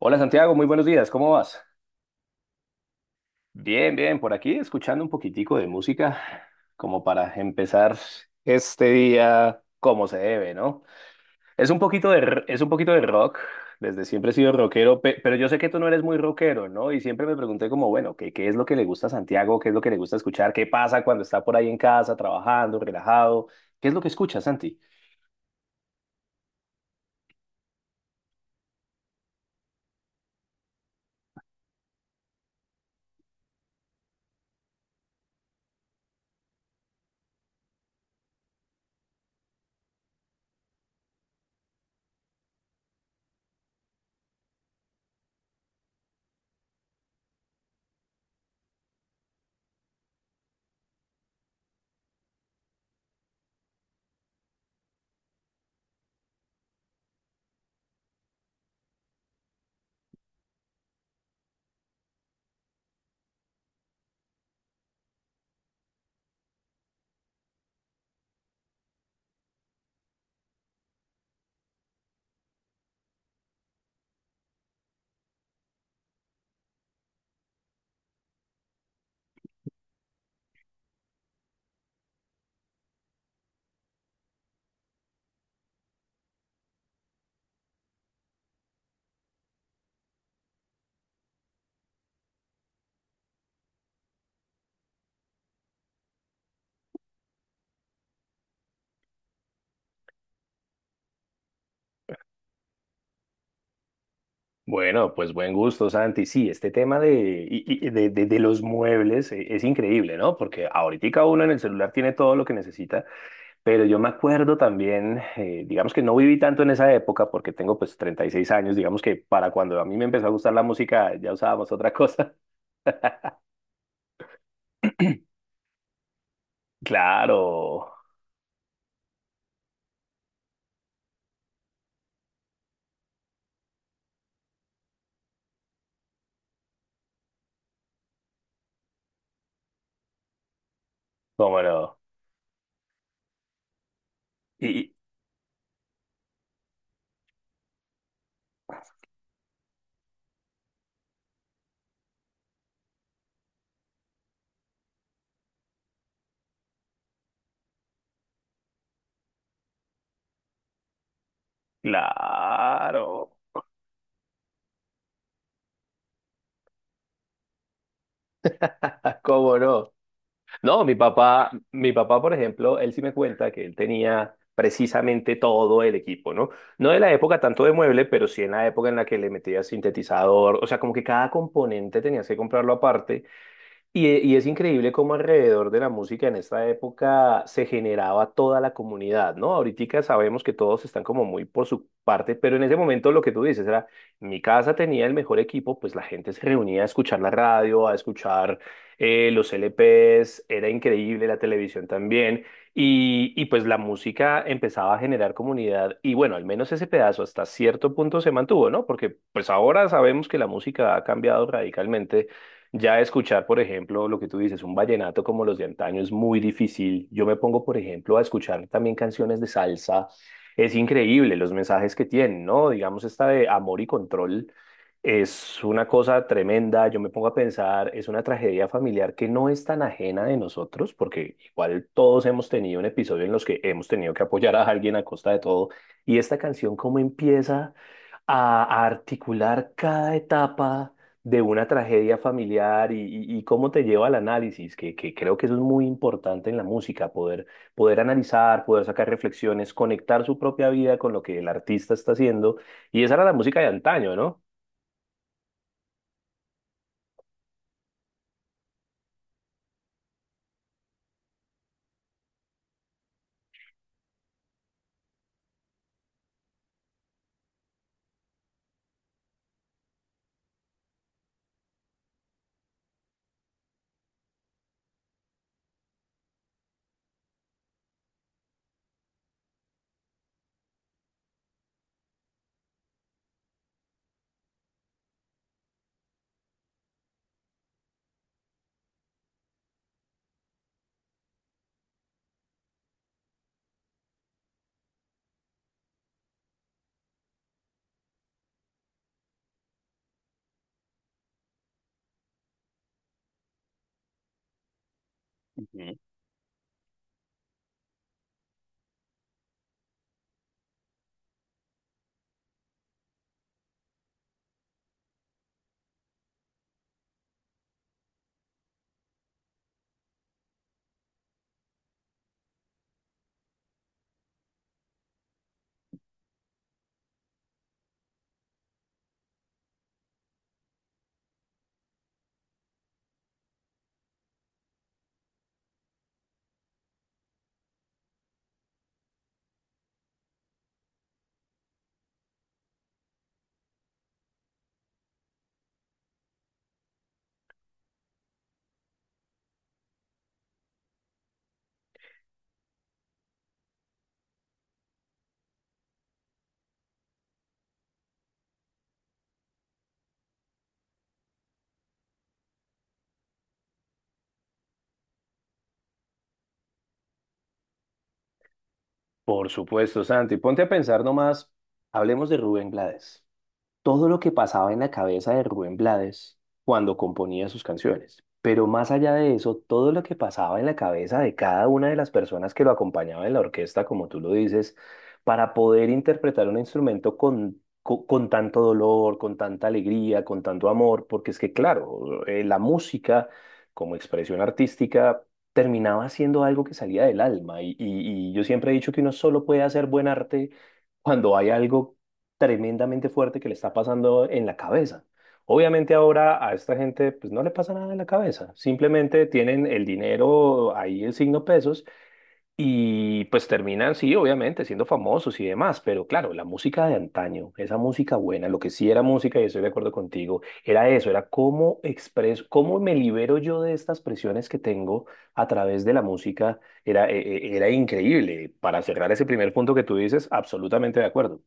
Hola Santiago, muy buenos días, ¿cómo vas? Bien, bien, por aquí escuchando un poquitico de música como para empezar este día como se debe, ¿no? Es un poquito de, es un poquito de rock, desde siempre he sido rockero, pero yo sé que tú no eres muy rockero, ¿no? Y siempre me pregunté como, bueno, ¿qué es lo que le gusta a Santiago? ¿Qué es lo que le gusta escuchar? ¿Qué pasa cuando está por ahí en casa, trabajando, relajado? ¿Qué es lo que escuchas, Santi? Bueno, pues buen gusto, Santi. Sí, este tema de, y- de, de los muebles, es increíble, ¿no? Porque ahorita uno en el celular tiene todo lo que necesita, pero yo me acuerdo también, digamos que no viví tanto en esa época porque tengo pues 36 años, digamos que para cuando a mí me empezó a gustar la música ya usábamos otra cosa. Claro, cómo no. Y y- claro, cómo no. No, mi papá, por ejemplo, él sí me cuenta que él tenía precisamente todo el equipo, ¿no? No de la época tanto de mueble, pero sí en la época en la que le metía sintetizador, o sea, como que cada componente tenías que comprarlo aparte y, y es increíble cómo alrededor de la música en esta época se generaba toda la comunidad, ¿no? Ahorita sabemos que todos están como muy por su parte, pero en ese momento lo que tú dices era, mi casa tenía el mejor equipo, pues la gente se reunía a escuchar la radio, a escuchar los LPs, era increíble la televisión también, y pues la música empezaba a generar comunidad, y bueno, al menos ese pedazo hasta cierto punto se mantuvo, ¿no? Porque pues ahora sabemos que la música ha cambiado radicalmente. Ya escuchar, por ejemplo, lo que tú dices, un vallenato como los de antaño es muy difícil. Yo me pongo, por ejemplo, a escuchar también canciones de salsa. Es increíble los mensajes que tienen, ¿no? Digamos, esta de amor y control es una cosa tremenda. Yo me pongo a pensar, es una tragedia familiar que no es tan ajena de nosotros, porque igual todos hemos tenido un episodio en los que hemos tenido que apoyar a alguien a costa de todo. Y esta canción, ¿cómo empieza a articular cada etapa de una tragedia familiar? Y cómo te lleva al análisis, que creo que eso es muy importante en la música, poder, poder analizar, poder sacar reflexiones, conectar su propia vida con lo que el artista está haciendo. Y esa era la música de antaño, ¿no? Ujú. Por supuesto, Santi. Ponte a pensar nomás, hablemos de Rubén Blades, todo lo que pasaba en la cabeza de Rubén Blades cuando componía sus canciones. Pero más allá de eso, todo lo que pasaba en la cabeza de cada una de las personas que lo acompañaba en la orquesta, como tú lo dices, para poder interpretar un instrumento con, con tanto dolor, con tanta alegría, con tanto amor, porque es que, claro, la música como expresión artística terminaba siendo algo que salía del alma. Y yo siempre he dicho que uno solo puede hacer buen arte cuando hay algo tremendamente fuerte que le está pasando en la cabeza. Obviamente ahora a esta gente pues no le pasa nada en la cabeza, simplemente tienen el dinero ahí, el signo pesos, y pues terminan, sí, obviamente siendo famosos y demás, pero claro, la música de antaño, esa música buena, lo que sí era música y estoy de acuerdo contigo, era eso, era cómo expreso, cómo me libero yo de estas presiones que tengo a través de la música, era, era increíble. Para cerrar ese primer punto que tú dices, absolutamente de acuerdo.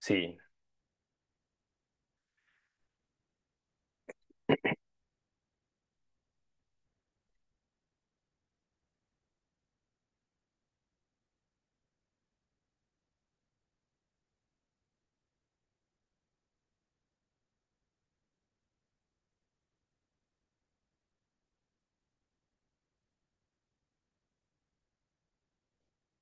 Sí.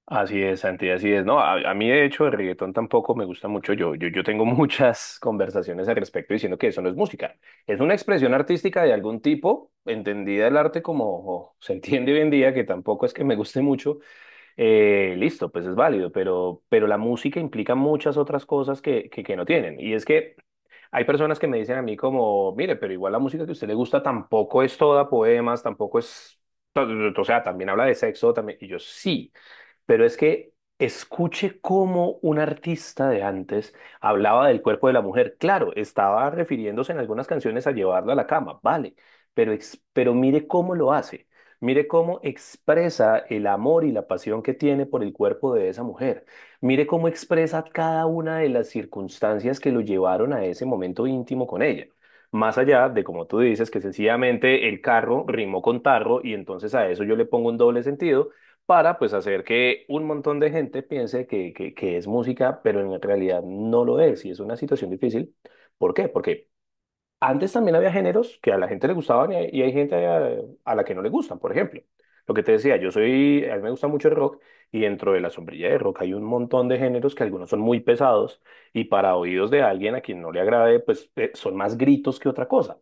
Así es, Santi, así es. No, a mí de hecho el reggaetón tampoco me gusta mucho. Yo tengo muchas conversaciones al respecto diciendo que eso no es música. Es una expresión artística de algún tipo, entendida el arte como o se entiende hoy en día, que tampoco es que me guste mucho. Listo, pues es válido, pero la música implica muchas otras cosas que no tienen. Y es que hay personas que me dicen a mí como, mire, pero igual la música que a usted le gusta tampoco es toda poemas, tampoco es... O sea, también habla de sexo, también. Y yo sí. Pero es que escuche cómo un artista de antes hablaba del cuerpo de la mujer. Claro, estaba refiriéndose en algunas canciones a llevarla a la cama, vale, pero, pero mire cómo lo hace. Mire cómo expresa el amor y la pasión que tiene por el cuerpo de esa mujer. Mire cómo expresa cada una de las circunstancias que lo llevaron a ese momento íntimo con ella. Más allá de, como tú dices, que sencillamente el carro rimó con tarro y entonces a eso yo le pongo un doble sentido para pues hacer que un montón de gente piense que es música, pero en realidad no lo es y es una situación difícil. ¿Por qué? Porque antes también había géneros que a la gente le gustaban y hay gente a la que no le gustan, por ejemplo. Lo que te decía, a mí me gusta mucho el rock y dentro de la sombrilla de rock hay un montón de géneros que algunos son muy pesados y para oídos de alguien a quien no le agrade, pues son más gritos que otra cosa.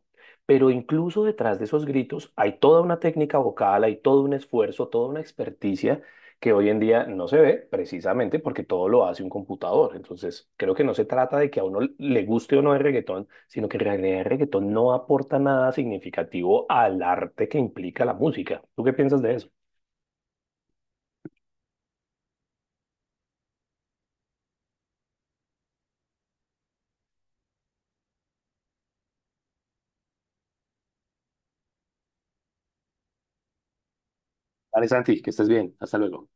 Pero incluso detrás de esos gritos hay toda una técnica vocal, hay todo un esfuerzo, toda una experticia que hoy en día no se ve precisamente porque todo lo hace un computador. Entonces, creo que no se trata de que a uno le guste o no el reggaetón, sino que en realidad el reggaetón no aporta nada significativo al arte que implica la música. ¿Tú qué piensas de eso? Vale, Santi, que estés bien. Hasta luego.